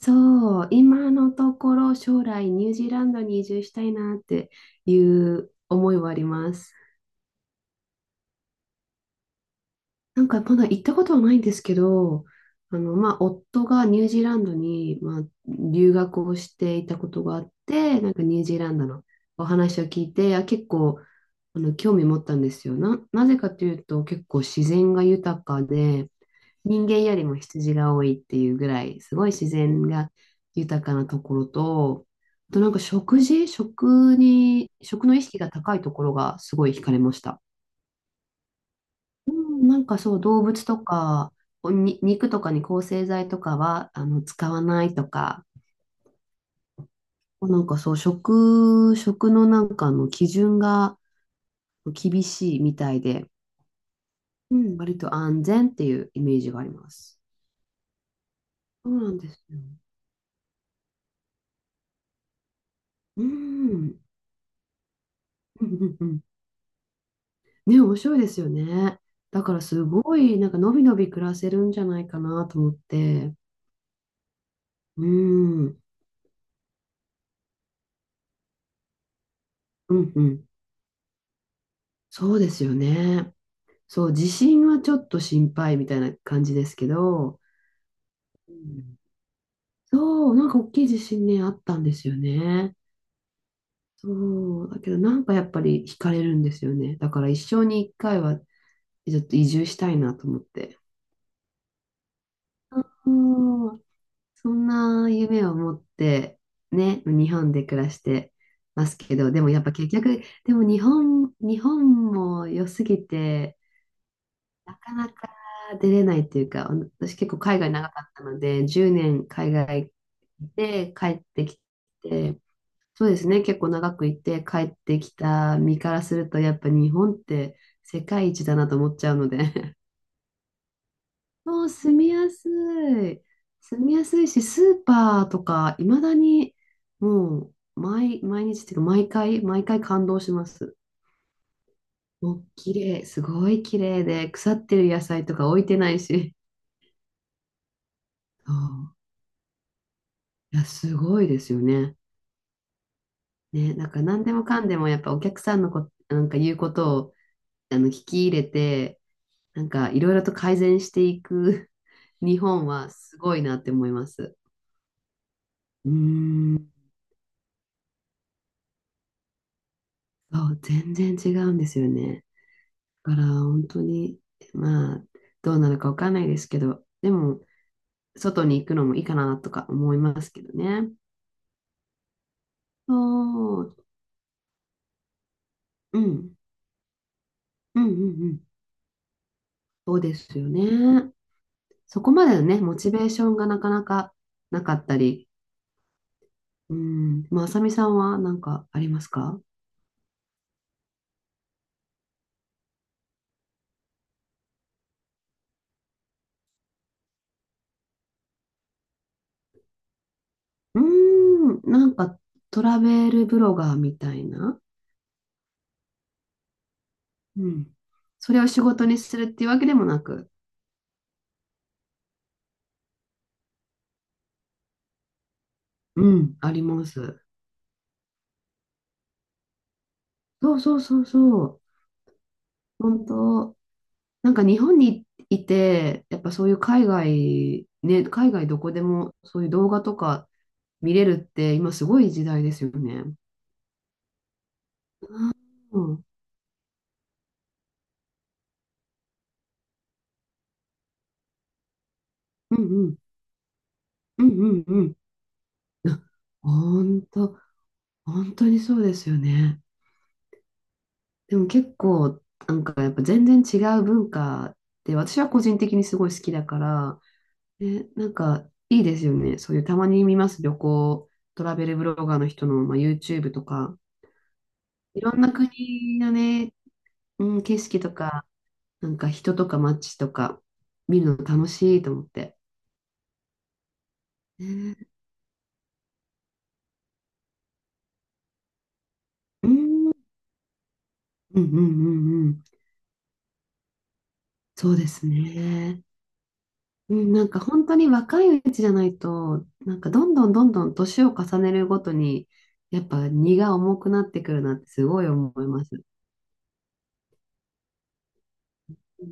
そう、今のところ将来ニュージーランドに移住したいなっていう思いはあります。なんかまだ行ったことはないんですけど、まあ、夫がニュージーランドに、まあ、留学をしていたことがあって、なんかニュージーランドのお話を聞いて、あ、結構、興味持ったんですよ。なぜかというと、結構自然が豊かで、人間よりも羊が多いっていうぐらい、すごい自然が豊かなところと、あとなんか食事、食に、食の意識が高いところがすごい惹かれました。なんかそう、動物とか、肉とかに抗生剤とかは、使わないとか、なんかそう、食のなんか基準が厳しいみたいで、うん、割と安全っていうイメージがあります。そうなんですよ。うん。うんうんうん。ね、面白いですよね。だからすごい、なんかのびのび暮らせるんじゃないかなと思って。うん。うんうん。そうですよね。そう、地震はちょっと心配みたいな感じですけど、うん。そう、なんか大きい地震ね、あったんですよね。そう、だけどなんかやっぱり惹かれるんですよね。だから一生に一回はちょっと移住したいなと思って。うん。そんな夢を持って、ね、日本で暮らしてますけど、でもやっぱ結局、でも日本も良すぎて、なかなか出れないっていうか、あの私結構海外長かったので、10年海外で帰ってきて、そうですね、結構長くいて帰ってきた身からすると、やっぱ日本って世界一だなと思っちゃうので、もう住みやすい。住みやすいし、スーパーとか、いまだにもう毎日っていうか、毎回感動します。もう綺麗、すごい綺麗で、腐ってる野菜とか置いてないし。そう。いや、すごいですよね。ね、なんか何でもかんでもやっぱお客さんのなんか言うことを聞き入れて、なんかいろいろと改善していく 日本はすごいなって思います。うーん。そう、全然違うんですよね。だから本当に、まあ、どうなるかわかんないですけど、でも、外に行くのもいいかなとか思いますけどね。そう、うん、うん、うん、うん、そうですよね。そこまでのね、モチベーションがなかなかなかったり、うん、まあ、あさみさんは何かありますか？うーん、なんかトラベルブロガーみたいな、うん、それを仕事にするっていうわけでもなく、うん、あります。そうそうそうそう、本当、なんか日本にいて、やっぱそういう海外、ね、海外どこでもそういう動画とか見れるって今すごい時代ですよね。うん、うん、うん、うん、うん、な本当、本当にそうですよね。でも結構、なんかやっぱ全然違う文化で、私は個人的にすごい好きだから、え、なんかいいですよね。そういうたまに見ます、旅行、トラベルブロガーの人の、まあ、YouTube とか、いろんな国のね、うん、景色とか、なんか人とか街とか見るの楽しいと思って。ね。うん、うんうんうんうん。そうですね。うん、なんか本当に若いうちじゃないと、なんかどんどんどんどん年を重ねるごとに、やっぱ荷が重くなってくるなってすごい思います。う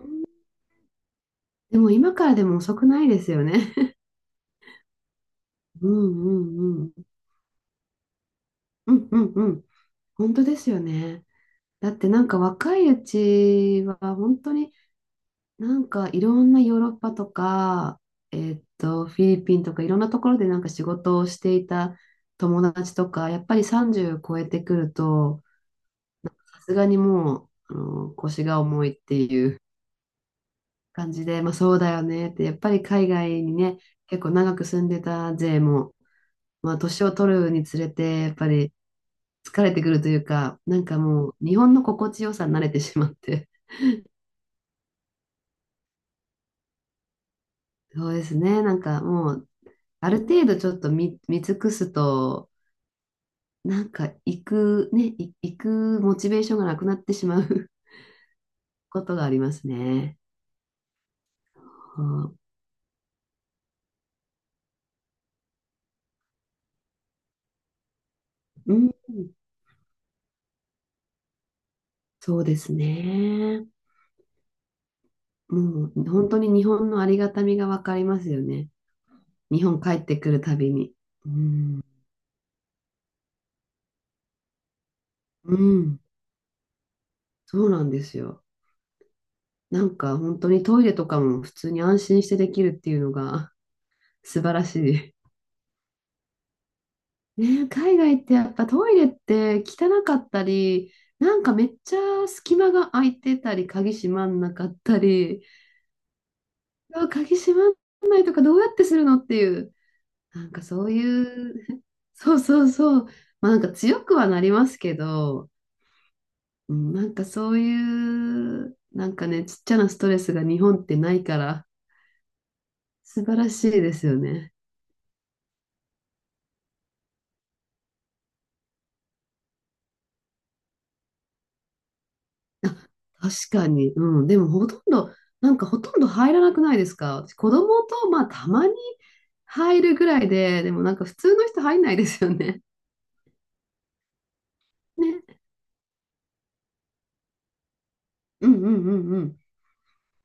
ん。でも今からでも遅くないですよね。うんうんうん。うんうんうん。本当ですよね。だってなんか若いうちは本当になんかいろんなヨーロッパとか、フィリピンとかいろんなところでなんか仕事をしていた友達とか、やっぱり30超えてくると、さすがにもう、腰が重いっていう感じで、まあそうだよねって、やっぱり海外にね、結構長く住んでた勢も、まあ年を取るにつれて、やっぱり疲れてくるというか、なんかもう日本の心地よさに慣れてしまって、そうですね、なんかもう、ある程度ちょっと見尽くすと、なんかね、行くモチベーションがなくなってしまう ことがありますね。はあ。うん、そうですね。もう本当に日本のありがたみがわかりますよね。日本帰ってくるたびに。うん、うん、そうなんですよ。なんか本当にトイレとかも普通に安心してできるっていうのが 素晴らしい。ねえ、海外ってやっぱトイレって汚かったり、なんかめっちゃ隙間が空いてたり、鍵閉まんなかったり、うわ鍵閉まんないとかどうやってするのっていう、なんかそういう、そうそうそう、まあなんか強くはなりますけど、うん、なんかそういう、なんかね、ちっちゃなストレスが日本ってないから、素晴らしいですよね。あ、確かに。うん、でもほとんど、なんかほとんど入らなくないですか？私子供と、まあたまに入るぐらいで、でもなんか普通の人入んないですよね。ね。うんうんうんうん。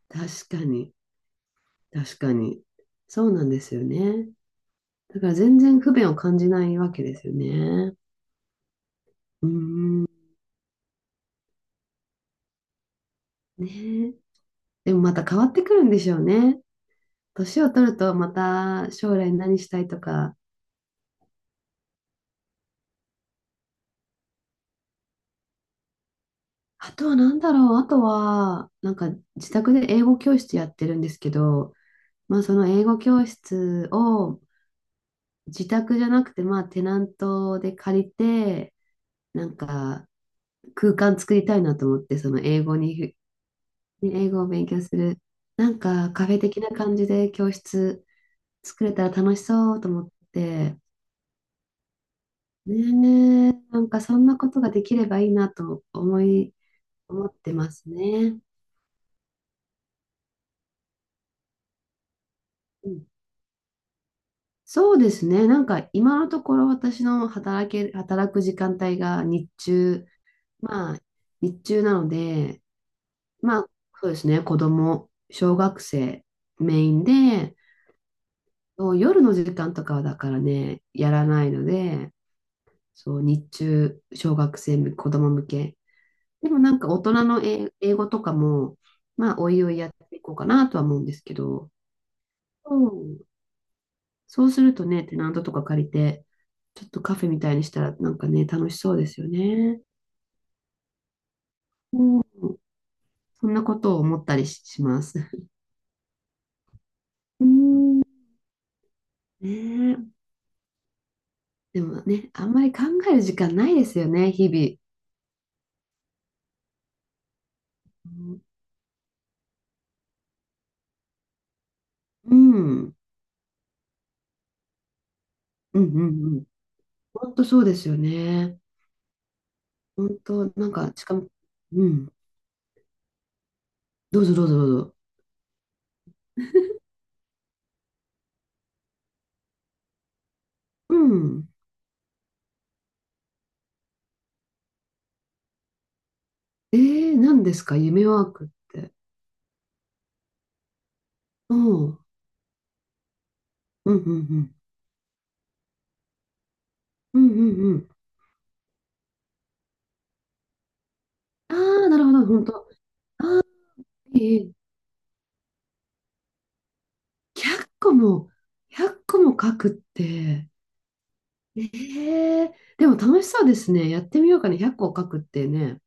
確かに。確かに。そうなんですよね。だから全然不便を感じないわけですよね。うーん。ねえ。でもまた変わってくるんでしょうね。年を取るとまた将来何したいとか、あとは何だろう、あとは、なんか自宅で英語教室やってるんですけど、まあその英語教室を自宅じゃなくて、まあテナントで借りて、なんか空間作りたいなと思って、英語を勉強する、なんかカフェ的な感じで教室作れたら楽しそうと思って、ねえねえ、なんかそんなことができればいいなと思ってますね。うん、そうですね。なんか今のところ私の働け、働く時間帯が日中、まあ日中なので、まあそうですね、子供、小学生メインで、そう夜の時間とかはだからね、やらないので、そう日中、小学生向け、子供向け。でもなんか大人の英語とかも、まあおいおいやっていこうかなとは思うんですけど、そうんそうするとね、テナントとか借りて、ちょっとカフェみたいにしたらなんかね、楽しそうですよね。うん、そんなことを思ったりします。うん。ねえ、でもね、あんまり考える時間ないですよね、日々。うん、うん、うん、うん。本当そうですよね。本当、なんか、しかも、うん、どうぞどうぞどうぞ。うん。えー、何ですか、夢ワークって。お。うん、うん、うん、うん。うん、うん、うん。ああ、なるほど、本当。ええ。100個も、100個も書くって、ええでも楽しそうですね。やってみようかね。100個書くってね。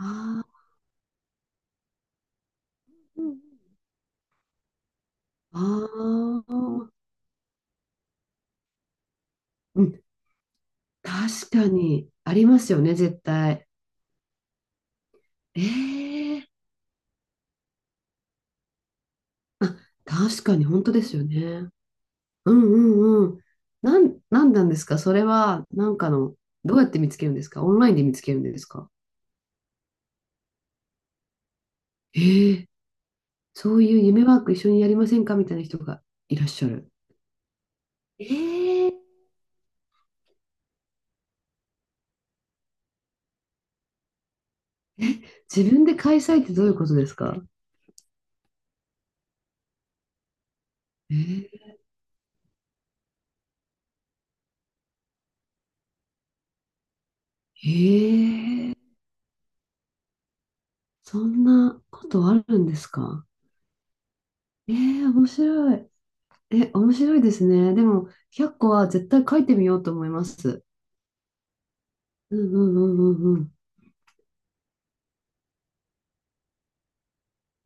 ああうんああ、うん、確かにありますよね、絶対。ええ。あ、確かに本当ですよね。うんうんうん。なんなんですかそれは、なんかの、どうやって見つけるんですか？オンラインで見つけるんですか？ええ。そういう夢ワーク一緒にやりませんかみたいな人がいらっしゃる。ええ。自分で開催ってどういうことですか？えー、えー。そんなことあるんですか？えー、面白い。え、面白いですね。でも、100個は絶対書いてみようと思います。うんうんうんうんうん。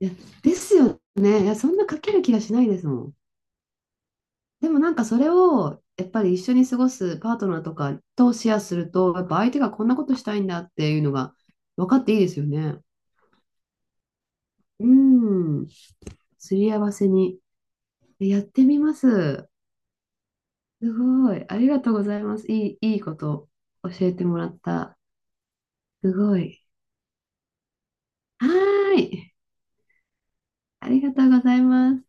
いや、ですよね。いや、そんな書ける気がしないですもん。でもなんかそれを、やっぱり一緒に過ごすパートナーとかとシェアすると、やっぱ相手がこんなことしたいんだっていうのが分かっていいですよね。うん。すり合わせに。え、やってみます。すごい。ありがとうございます。いいこと教えてもらった。すごい。はーい。ありがとうございます。